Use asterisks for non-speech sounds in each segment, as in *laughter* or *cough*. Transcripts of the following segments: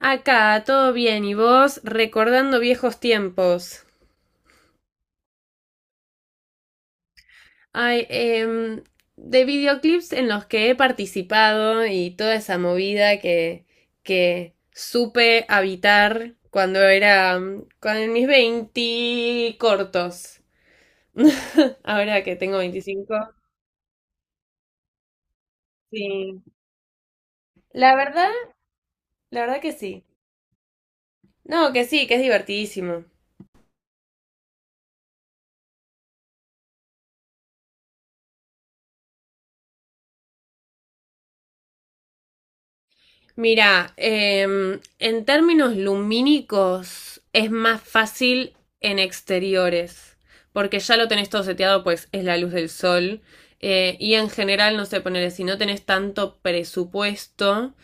Acá, todo bien, y vos recordando viejos tiempos. Ay, em, de videoclips en los que he participado y toda esa movida que supe habitar cuando cuando en mis 20 cortos. *laughs* Ahora que tengo 25, sí. La verdad, la verdad que sí. No, que sí, que es divertidísimo. Mira, en términos lumínicos es más fácil en exteriores, porque ya lo tenés todo seteado, pues es la luz del sol. Y en general, no sé, ponerle, si no tenés tanto presupuesto,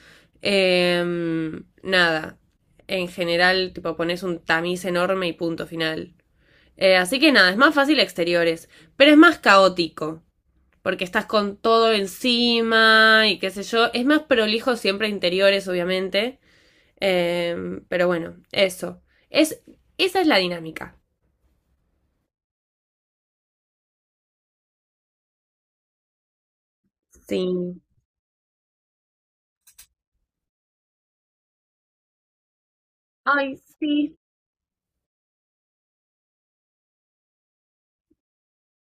nada. En general, tipo, pones un tamiz enorme y punto final. Así que nada, es más fácil exteriores, pero es más caótico porque estás con todo encima y qué sé yo. Es más prolijo siempre interiores, obviamente. Eh, pero bueno, eso. Es, esa es la dinámica. Sí. Ay, sí.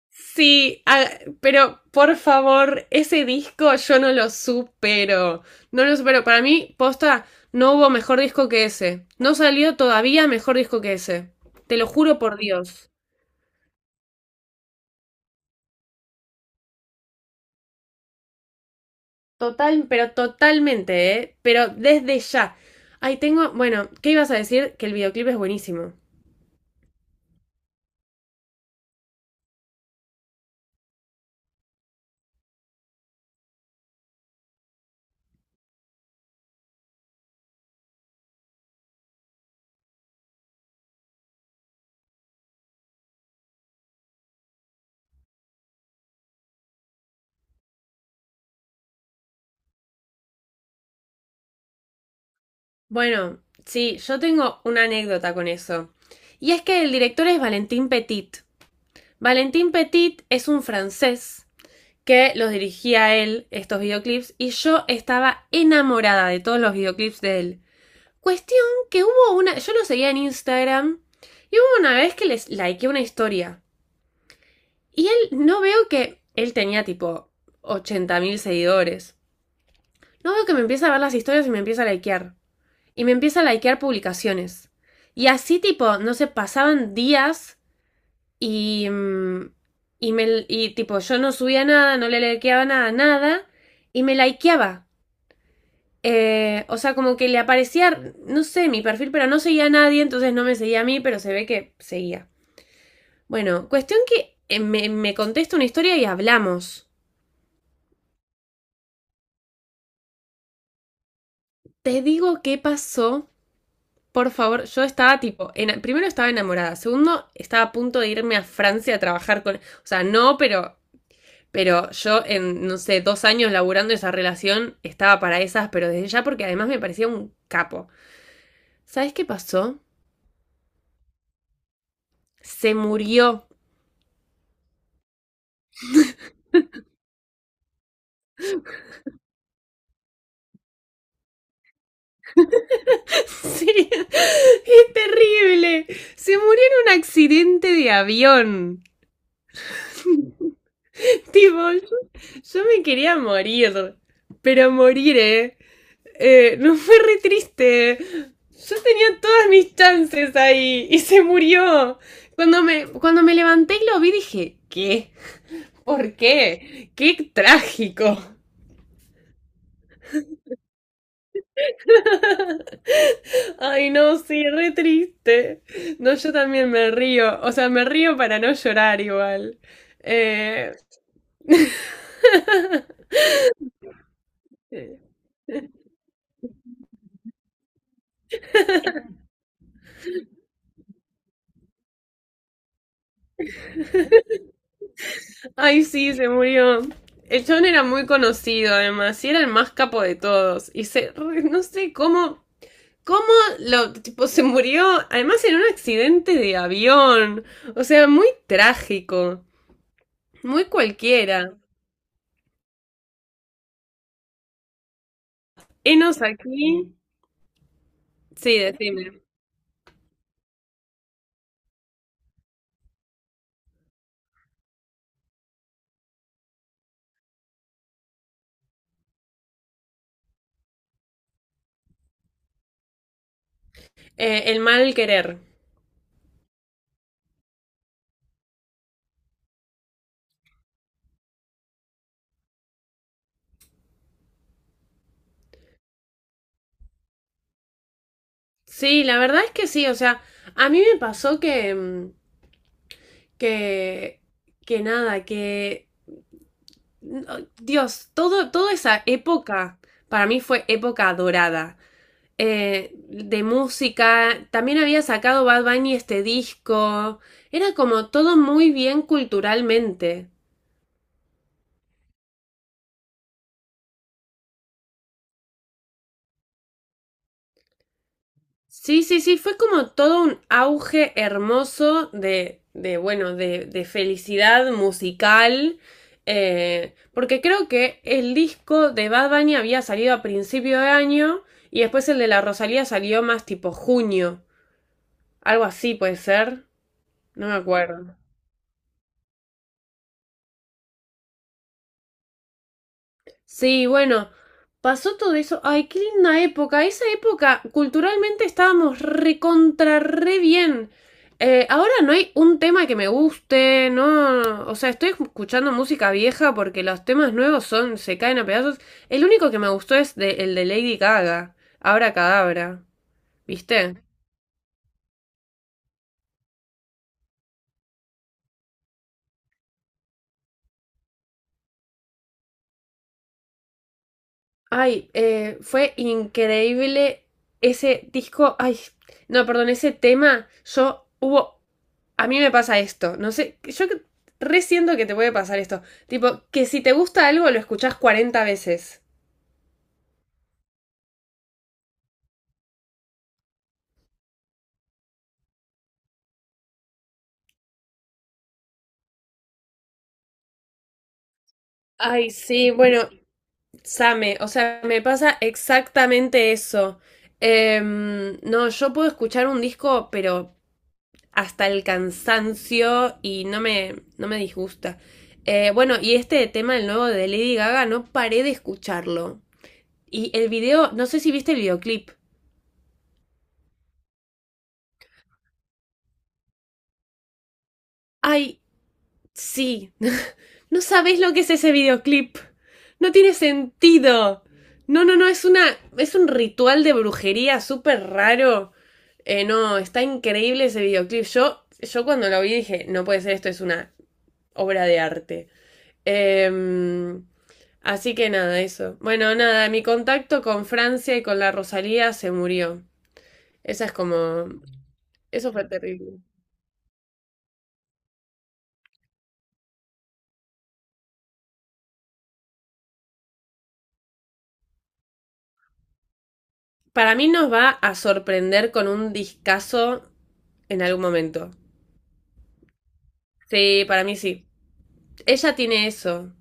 Sí, ah, pero por favor, ese disco yo no lo supero. No lo supero. Para mí, posta, no hubo mejor disco que ese. No salió todavía mejor disco que ese. Te lo juro por Dios. Total, pero totalmente, ¿eh? Pero desde ya. Ahí tengo, bueno, ¿qué ibas a decir? Que el videoclip es buenísimo. Bueno, sí, yo tengo una anécdota con eso. Y es que el director es Valentin Petit. Valentin Petit es un francés que los dirigía a él estos videoclips y yo estaba enamorada de todos los videoclips de él. Cuestión que hubo una, yo lo seguía en Instagram y hubo una vez que les likeé una historia. Y él, no veo que él tenía tipo 80.000 seguidores. No veo que me empieza a ver las historias y me empieza a likear. Y me empieza a likear publicaciones. Y así tipo, no sé, pasaban días y... mm, y tipo, yo no subía nada, no le likeaba nada, nada. Y me likeaba. O sea, como que le aparecía, no sé, mi perfil, pero no seguía a nadie, entonces no me seguía a mí, pero se ve que seguía. Bueno, cuestión que me contesta una historia y hablamos. Te digo qué pasó. Por favor, yo estaba tipo, primero estaba enamorada, segundo estaba a punto de irme a Francia a trabajar con, o sea, no, pero yo en, no sé, 2 años laburando esa relación estaba para esas, pero desde ya porque además me parecía un capo. ¿Sabes qué pasó? Se murió. *laughs* Sí, es terrible. Se murió en un accidente de avión. *laughs* Tipo, yo, yo me quería morir, pero morir, ¿eh? *laughs* No fue re triste. Yo tenía todas mis chances ahí y se murió. Cuando me levanté y lo vi dije, ¿qué? ¿Por qué? ¡Qué trágico! *laughs* Ay, no, sí, re triste. No, yo también me río. O sea, me río para no llorar igual. Eh... *laughs* Ay, sí, se murió. El John era muy conocido, además, y era el más capo de todos. No sé cómo lo, tipo, se murió, además en un accidente de avión. O sea, muy trágico, muy cualquiera. Enos aquí. Sí, decime. El mal querer. Sí, la verdad es que sí, o sea, a mí me pasó que, mm, que, que nada, que, no, Dios, toda esa época para mí fue época dorada. De música. También había sacado Bad Bunny este disco. Era como todo muy bien culturalmente. Sí, sí, sí, fue como todo un auge hermoso de bueno, de felicidad musical. Porque creo que el disco de Bad Bunny había salido a principio de año y después el de la Rosalía salió más tipo junio. Algo así puede ser. No me acuerdo. Sí, bueno, pasó todo eso. Ay, qué linda época. Esa época culturalmente estábamos recontra re bien. Ahora no hay un tema que me guste, no. O sea, estoy escuchando música vieja porque los temas nuevos son, se caen a pedazos. El único que me gustó el de Lady Gaga, Abra Cadabra, ¿viste? Ay, fue increíble ese disco. Ay, no, perdón, ese tema. Yo hubo. A mí me pasa esto. No sé, yo que te puede pasar esto. Tipo, que si te gusta algo lo escuchás 40 veces. Ay, sí, bueno, same, o sea, me pasa exactamente eso. No, yo puedo escuchar un disco, pero hasta el cansancio y no me disgusta. Bueno, y este tema, el nuevo de Lady Gaga, no paré de escucharlo. Y el video, no sé si viste el videoclip. Ay, sí. *laughs* No sabés lo que es ese videoclip. No tiene sentido. No, no, no, es una. Es un ritual de brujería súper raro. No, está increíble ese videoclip. Yo cuando lo vi dije, no puede ser, esto es una obra de arte. Em, Así que nada, eso. Bueno, nada, mi contacto con Francia y con la Rosalía se murió. Esa es como... eso fue terrible. Para mí nos va a sorprender con un discazo en algún momento. Sí, para mí sí. Ella tiene eso.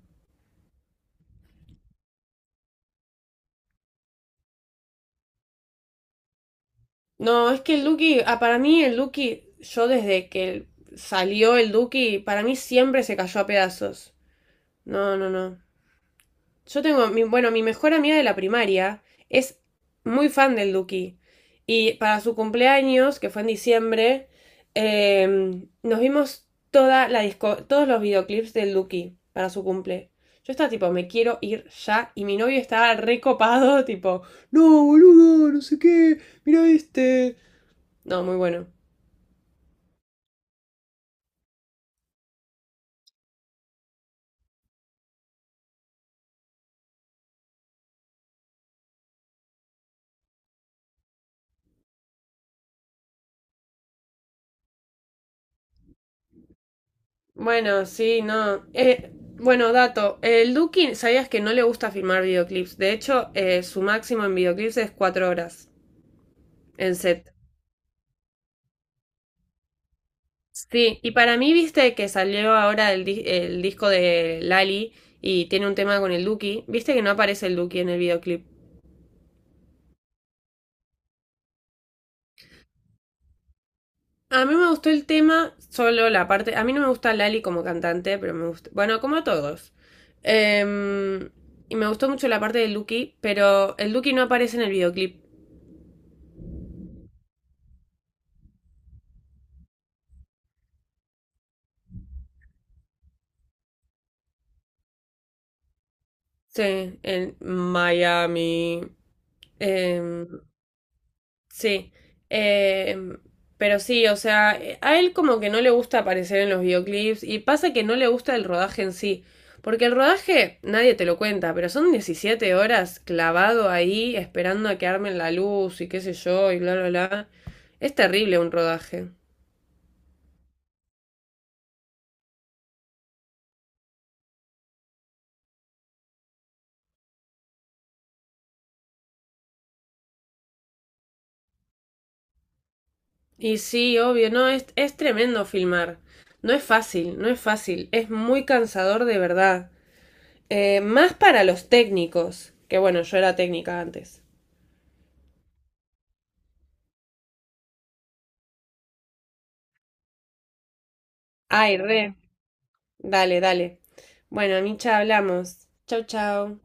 No, es que el Duki, ah, para mí el Duki, yo desde que salió el Duki, para mí siempre se cayó a pedazos. No, no, no. Yo tengo, mi, bueno, mi mejor amiga de la primaria es muy fan del Duki. Y para su cumpleaños, que fue en diciembre, nos vimos toda la disco, todos los videoclips del Duki para su cumple. Yo estaba tipo, me quiero ir ya. Y mi novio estaba recopado, tipo, no, boludo, no sé qué, mira este. No, muy bueno. Bueno, sí, no. Bueno, dato. El Duki, ¿sabías que no le gusta filmar videoclips? De hecho, su máximo en videoclips es 4 horas en set. Sí, y para mí, viste que salió ahora el disco de Lali y tiene un tema con el Duki. Viste que no aparece el Duki en el videoclip. A mí me gustó el tema, solo la parte. A mí no me gusta Lali como cantante, pero me gusta. Bueno, como a todos. Em, y me gustó mucho la parte del Duki, pero el Duki no aparece en el videoclip. Sí, en Miami. em, sí. em, pero sí, o sea, a él como que no le gusta aparecer en los videoclips y pasa que no le gusta el rodaje en sí. Porque el rodaje nadie te lo cuenta, pero son 17 horas clavado ahí esperando a que armen la luz y qué sé yo y bla, bla, bla. Es terrible un rodaje. Y sí, obvio, no, es tremendo filmar. No es fácil, no es fácil. Es muy cansador de verdad. Más para los técnicos, que bueno, yo era técnica antes. Ay, re. Dale, dale. Bueno, Micha, hablamos. Chau, chau.